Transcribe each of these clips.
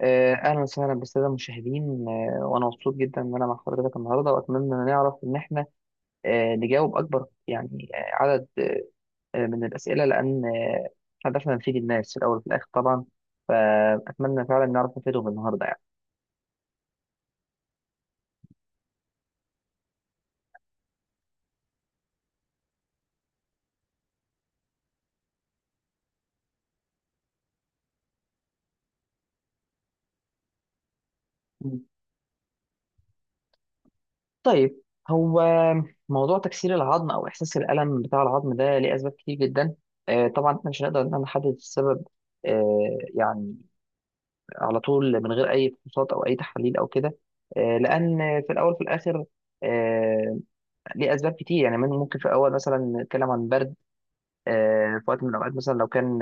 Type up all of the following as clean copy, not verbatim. أهلا وسهلا بالسادة المشاهدين، وأنا مبسوط جدا إن أنا مع حضرتك النهاردة، وأتمنى إن نعرف إن إحنا نجاوب أكبر، يعني عدد من الأسئلة، لأن هدفنا نفيد الناس في الأول وفي الآخر طبعا. فأتمنى فعلا نعرف نفيدهم النهاردة يعني. مم. طيب، هو موضوع تكسير العظم أو إحساس الألم بتاع العظم ده ليه أسباب كتير جدا. طبعا إحنا مش هنقدر إن إحنا نحدد السبب يعني على طول من غير اي فحوصات او اي تحاليل او كده. لان في الاول في الاخر آه، ليه اسباب كتير يعني ممكن في الاول مثلا نتكلم عن برد. في وقت من الاوقات مثلا لو كان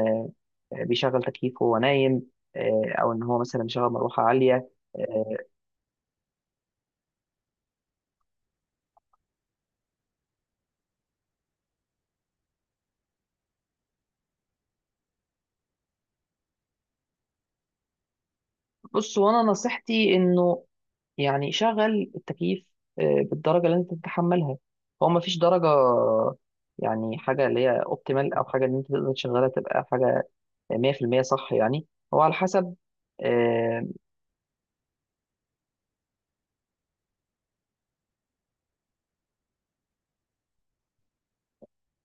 بيشغل تكييف وهو نايم، او ان هو مثلا مشغل مروحه عاليه. آه، بص وانا نصيحتي انه يعني شغل التكييف بالدرجه اللي انت تتحملها. هو ما فيش درجه يعني، حاجه اللي هي اوبتيمال او حاجه ان انت تقدر تشغلها تبقى حاجه 100% صح يعني. هو على حسب. آه،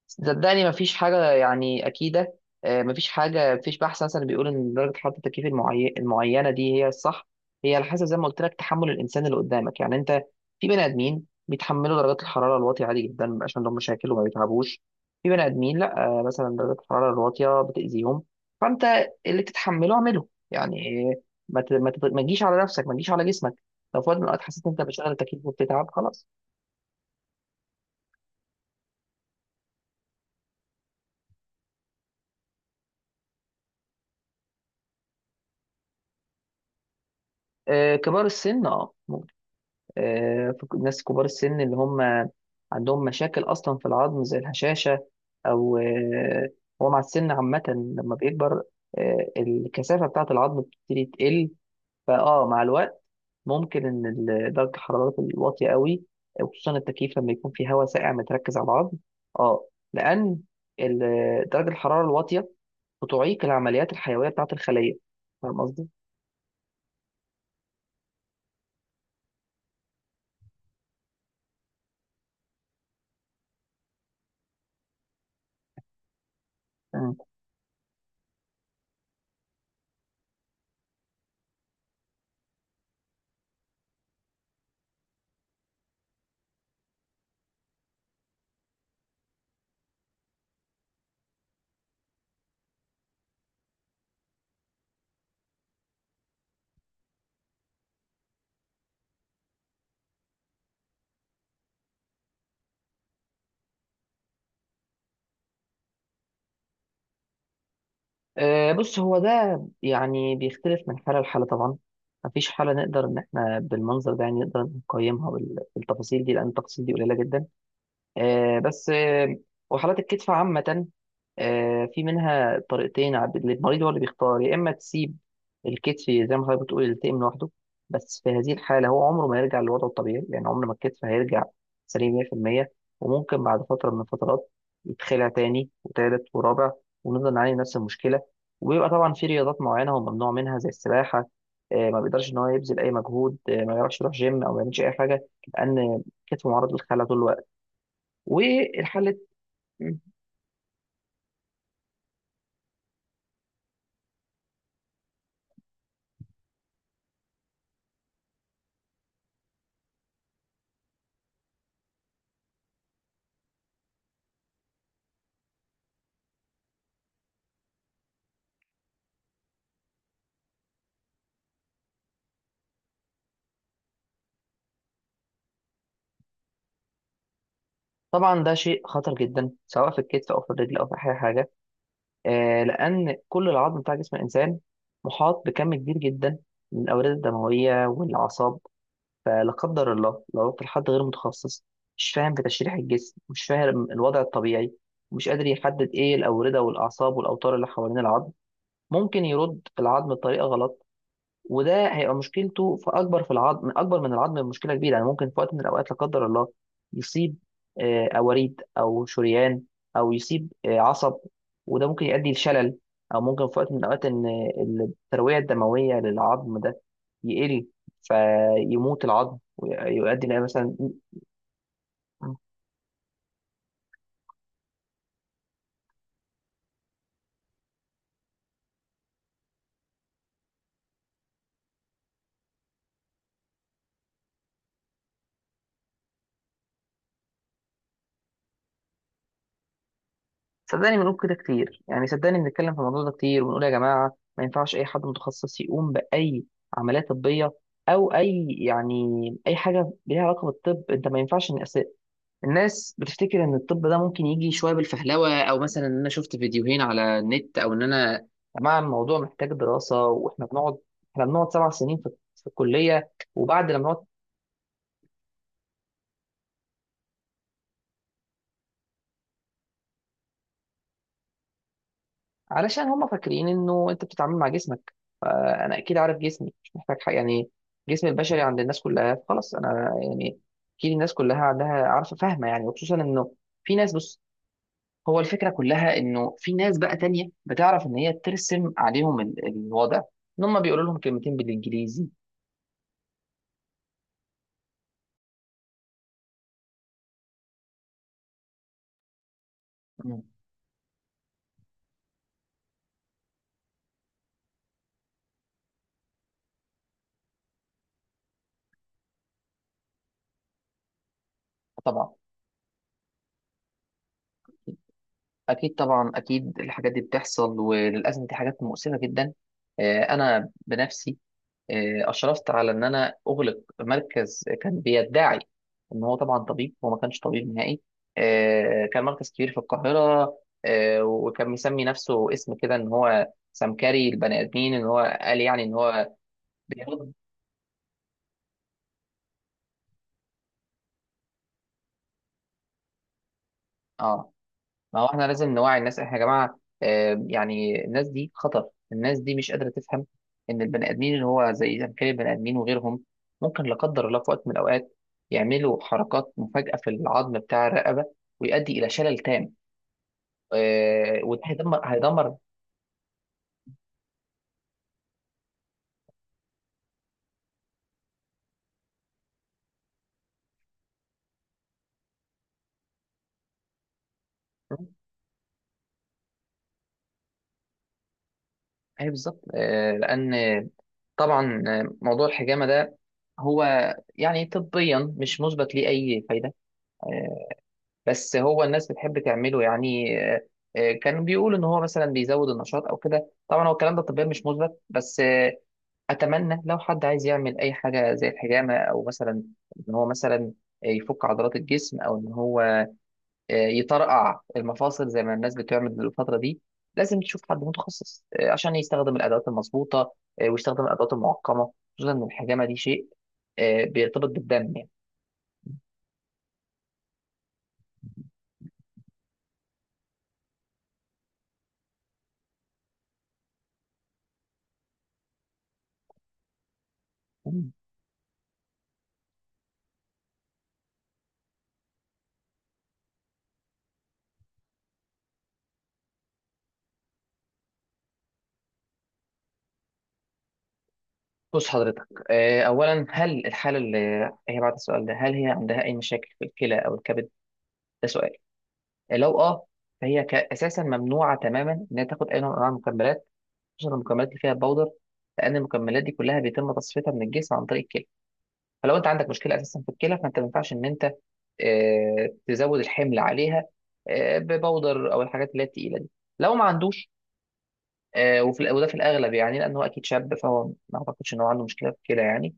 صدقني مفيش حاجة يعني أكيدة. مفيش حاجة، مفيش بحث مثلا بيقول إن درجة حرارة التكييف المعينة دي هي الصح. هي على حسب زي ما قلت لك تحمل الإنسان اللي قدامك. يعني أنت، في بني آدمين بيتحملوا درجات الحرارة الواطية عادي جدا، مبيبقاش عندهم مشاكل وما بيتعبوش. في بني آدمين لأ، مثلا درجات الحرارة الواطية بتأذيهم. فأنت اللي تتحمله اعمله يعني. ما تجيش على نفسك، ما تجيش على جسمك. لو في وقت من الأوقات حسيت إن أنت بتشغل التكييف وبتتعب، خلاص. كبار السن اه ممكن. في ناس كبار السن اللي هم عندهم مشاكل اصلا في العظم زي الهشاشه، او هو مع السن عامه لما بيكبر الكثافه بتاعه العظم بتبتدي تقل. فاه مع الوقت ممكن ان درجه الحراره الواطيه قوي، وخصوصا التكييف لما يكون في هواء ساقع متركز على العظم. اه، لان درجه الحراره الواطيه بتعيق العمليات الحيويه بتاعه الخليه. فاهم قصدي؟ بص هو ده يعني بيختلف من حالة لحالة طبعا. مفيش حالة نقدر إن إحنا بالمنظر ده يعني نقدر نقيمها بالتفاصيل دي، لأن التفاصيل دي قليلة جدا. آه، بس آه، وحالات الكتف عامة في منها طريقتين. المريض هو اللي بيختار، يا إما تسيب الكتف زي ما حضرتك بتقول يلتئم لوحده. بس في هذه الحالة هو عمره ما يرجع لوضعه الطبيعي، يعني عمر ما الكتف هيرجع سليم 100%، وممكن بعد فترة من الفترات يتخلع تاني وتالت ورابع، ونفضل نعاني من نفس المشكلة. وبيبقى طبعا في رياضات معينة هو ممنوع منها زي السباحة. ما بيقدرش إن هو يبذل أي مجهود، ما يعرفش يروح جيم أو ما يعملش أي حاجة، لأن كتفه معرض للخلع طول الوقت. والحل، طبعا ده شيء خطر جدا سواء في الكتف او في الرجل او في اي حاجه. آه لان كل العظم بتاع جسم الانسان محاط بكم كبير جدا من الاوردة الدمويه والاعصاب. فلا قدر الله لو رحت لحد غير متخصص، مش فاهم في تشريح الجسم، مش فاهم الوضع الطبيعي، مش قادر يحدد ايه الاورده والاعصاب والاوتار اللي حوالين العظم، ممكن يرد العظم بطريقه غلط، وده هيبقى مشكلته في اكبر في العظم اكبر من العظم بمشكله كبيره يعني. ممكن في وقت من الاوقات لا قدر الله يصيب اوريد او شريان، او يصيب عصب، وده ممكن يؤدي لشلل. او ممكن في وقت من الاوقات ان الترويه الدمويه للعظم ده يقل، فيموت العظم ويؤدي لإيه مثلا. صدقني بنقول كده كتير يعني، صدقني بنتكلم في الموضوع ده كتير وبنقول يا جماعة، ما ينفعش أي حد متخصص يقوم بأي عملية طبية، أو أي يعني أي حاجة ليها علاقة بالطب. أنت ما ينفعش إن الناس بتفتكر إن الطب ده ممكن يجي شوية بالفهلوة، أو مثلا إن أنا شفت فيديوهين على النت، أو إن أنا، يا جماعة الموضوع محتاج دراسة. وإحنا بنقعد، إحنا بنقعد سبع سنين في الكلية، وبعد لما نقعد علشان هم فاكرين إنه أنت بتتعامل مع جسمك. انا اكيد عارف جسمي، مش محتاج حاجه يعني. جسم البشري عند الناس كلها خلاص، انا يعني اكيد الناس كلها عندها عارفه فاهمه يعني، وخصوصا انه في ناس. بص، هو الفكره كلها انه في ناس بقى تانية بتعرف ان هي ترسم عليهم الوضع، ان هم بيقولوا لهم كلمتين بالانجليزي. مم. طبعا اكيد، طبعا اكيد الحاجات دي بتحصل، وللاسف دي حاجات مؤسفه جدا. انا بنفسي اشرفت على ان انا اغلق مركز كان بيدعي ان هو طبعا طبيب. هو ما كانش طبيب نهائي. كان مركز كبير في القاهره، وكان مسمي نفسه اسم كده، ان هو سمكري البني ادمين، ان هو قال يعني ان هو بياخد. اه، ما هو احنا لازم نوعي الناس. احنا يا جماعه يعني الناس دي خطر، الناس دي مش قادره تفهم ان البني ادمين اللي هو زي زمكري البني ادمين وغيرهم ممكن لا قدر الله في وقت من الاوقات يعملوا حركات مفاجئه في العظم بتاع الرقبه، ويؤدي الى شلل تام. وده هيدمر. اي بالظبط. لان طبعا موضوع الحجامه ده، هو يعني طبيا مش مثبت ليه اي فايده. آه، بس هو الناس بتحب تعمله يعني. كانوا بيقولوا ان هو مثلا بيزود النشاط او كده، طبعا هو الكلام ده طبيا مش مثبت. بس اتمنى لو حد عايز يعمل اي حاجه زي الحجامه، او مثلا ان هو مثلا يفك عضلات الجسم، او ان هو يطرقع المفاصل زي ما الناس بتعمل الفتره دي، لازم تشوف حد متخصص عشان يستخدم الادوات المظبوطه، ويستخدم الادوات المعقمه، خصوصا ان الحجامه دي شيء بيرتبط بالدم يعني. بص حضرتك، أولا هل الحالة اللي هي بعد السؤال ده، هل هي عندها أي مشاكل في الكلى أو الكبد؟ ده سؤال. لو فهي أساسا ممنوعة تماما إنها تاخد أي نوع من أنواع المكملات، خصوصا المكملات اللي فيها باودر، لأن المكملات دي كلها بيتم تصفيتها من الجسم عن طريق الكلى. فلو أنت عندك مشكلة أساسا في الكلى، فأنت ما ينفعش إن أنت تزود الحمل عليها بباودر أو الحاجات اللي هي التقيلة دي. لو ما عندوش وفي وده في الأغلب يعني، لأن هو أكيد شاب، فهو ما أعتقدش إن هو عنده مشكلة في الكلى يعني.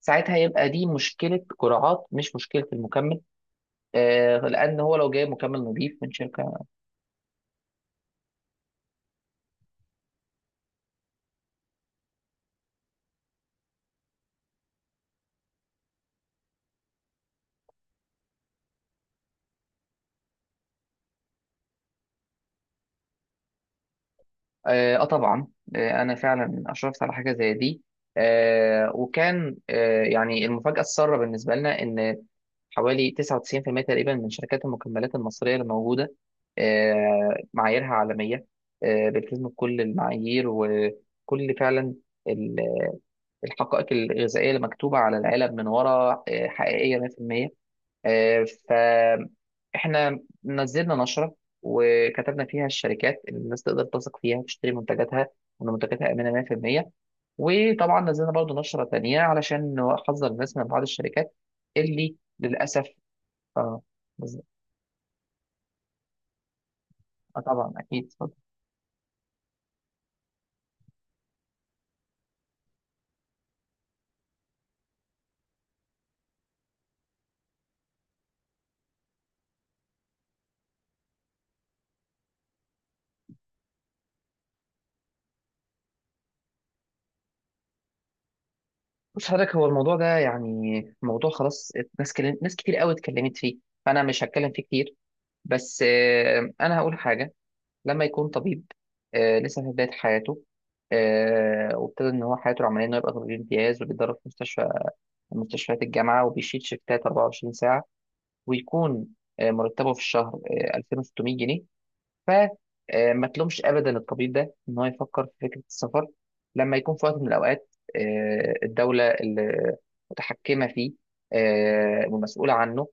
ساعتها يبقى دي مشكلة قراءات مش مشكلة المكمل. لأن هو لو جايب مكمل نظيف من شركة. طبعا، أنا فعلا أشرفت على حاجة زي دي. وكان يعني المفاجأة السارة بالنسبة لنا، إن حوالي 99% تقريبا من شركات المكملات المصرية اللي موجودة معاييرها عالمية، بتلتزم بكل المعايير، وكل فعلا ال- الحقائق الغذائية اللي مكتوبة على العلب من ورا حقيقية 100%. فاحنا نزلنا نشرة وكتبنا فيها الشركات اللي الناس تقدر تثق فيها تشتري منتجاتها، وان منتجاتها امنه 100%. وطبعا نزلنا برضو نشرة تانية علشان نحذر الناس من بعض الشركات اللي للأسف. اه بز- طبعا أكيد، اتفضل. بص حضرتك، هو الموضوع ده يعني موضوع خلاص، ناس كتير قوي اتكلمت فيه، فأنا مش هتكلم فيه كتير. بس أنا هقول حاجة. لما يكون طبيب لسه في بداية حياته، وابتدى إن هو حياته العملية إنه يبقى طبيب امتياز، وبيتدرب في مستشفى من مستشفيات الجامعة، وبيشيل شيفتات 24 ساعة، ويكون مرتبه في الشهر 2600 جنيه. ف ما تلومش أبدا الطبيب ده إن هو يفكر في فكرة السفر، لما يكون في وقت من الأوقات الدولة اللي متحكمة فيه ومسؤولة عنه.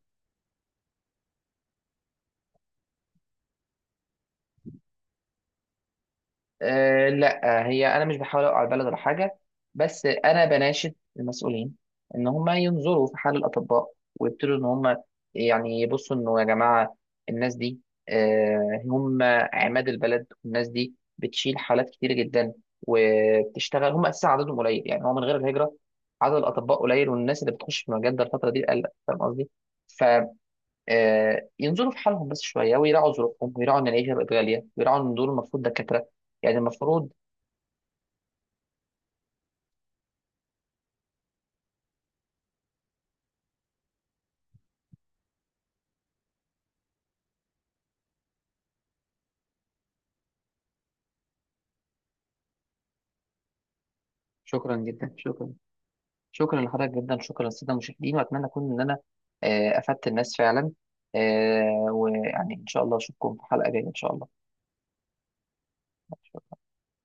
لا، هي انا مش بحاول اوقع البلد ولا حاجه، بس انا بناشد المسؤولين ان هم ينظروا في حال الاطباء، ويبتدوا ان هم يعني يبصوا انه يا جماعه الناس دي هم عماد البلد، والناس دي بتشيل حالات كتير جدا وبتشتغل. هم اساسا عددهم قليل، يعني هو من غير الهجره عدد الاطباء قليل، والناس اللي بتخش في المجال ده الفتره دي قل. فاهم قصدي؟ ينظروا في حالهم بس شويه، ويراعوا ظروفهم، ويراعوا ان العيشه بقت غاليه، ويراعوا ان دول المفروض دكاتره، يعني المفروض. شكرا جدا، شكرا، شكرا لحضرتك جدا، شكرا للساده المشاهدين، واتمنى اكون ان انا افدت الناس فعلا، ويعني ان شاء الله اشوفكم في حلقه جايه ان شاء الله.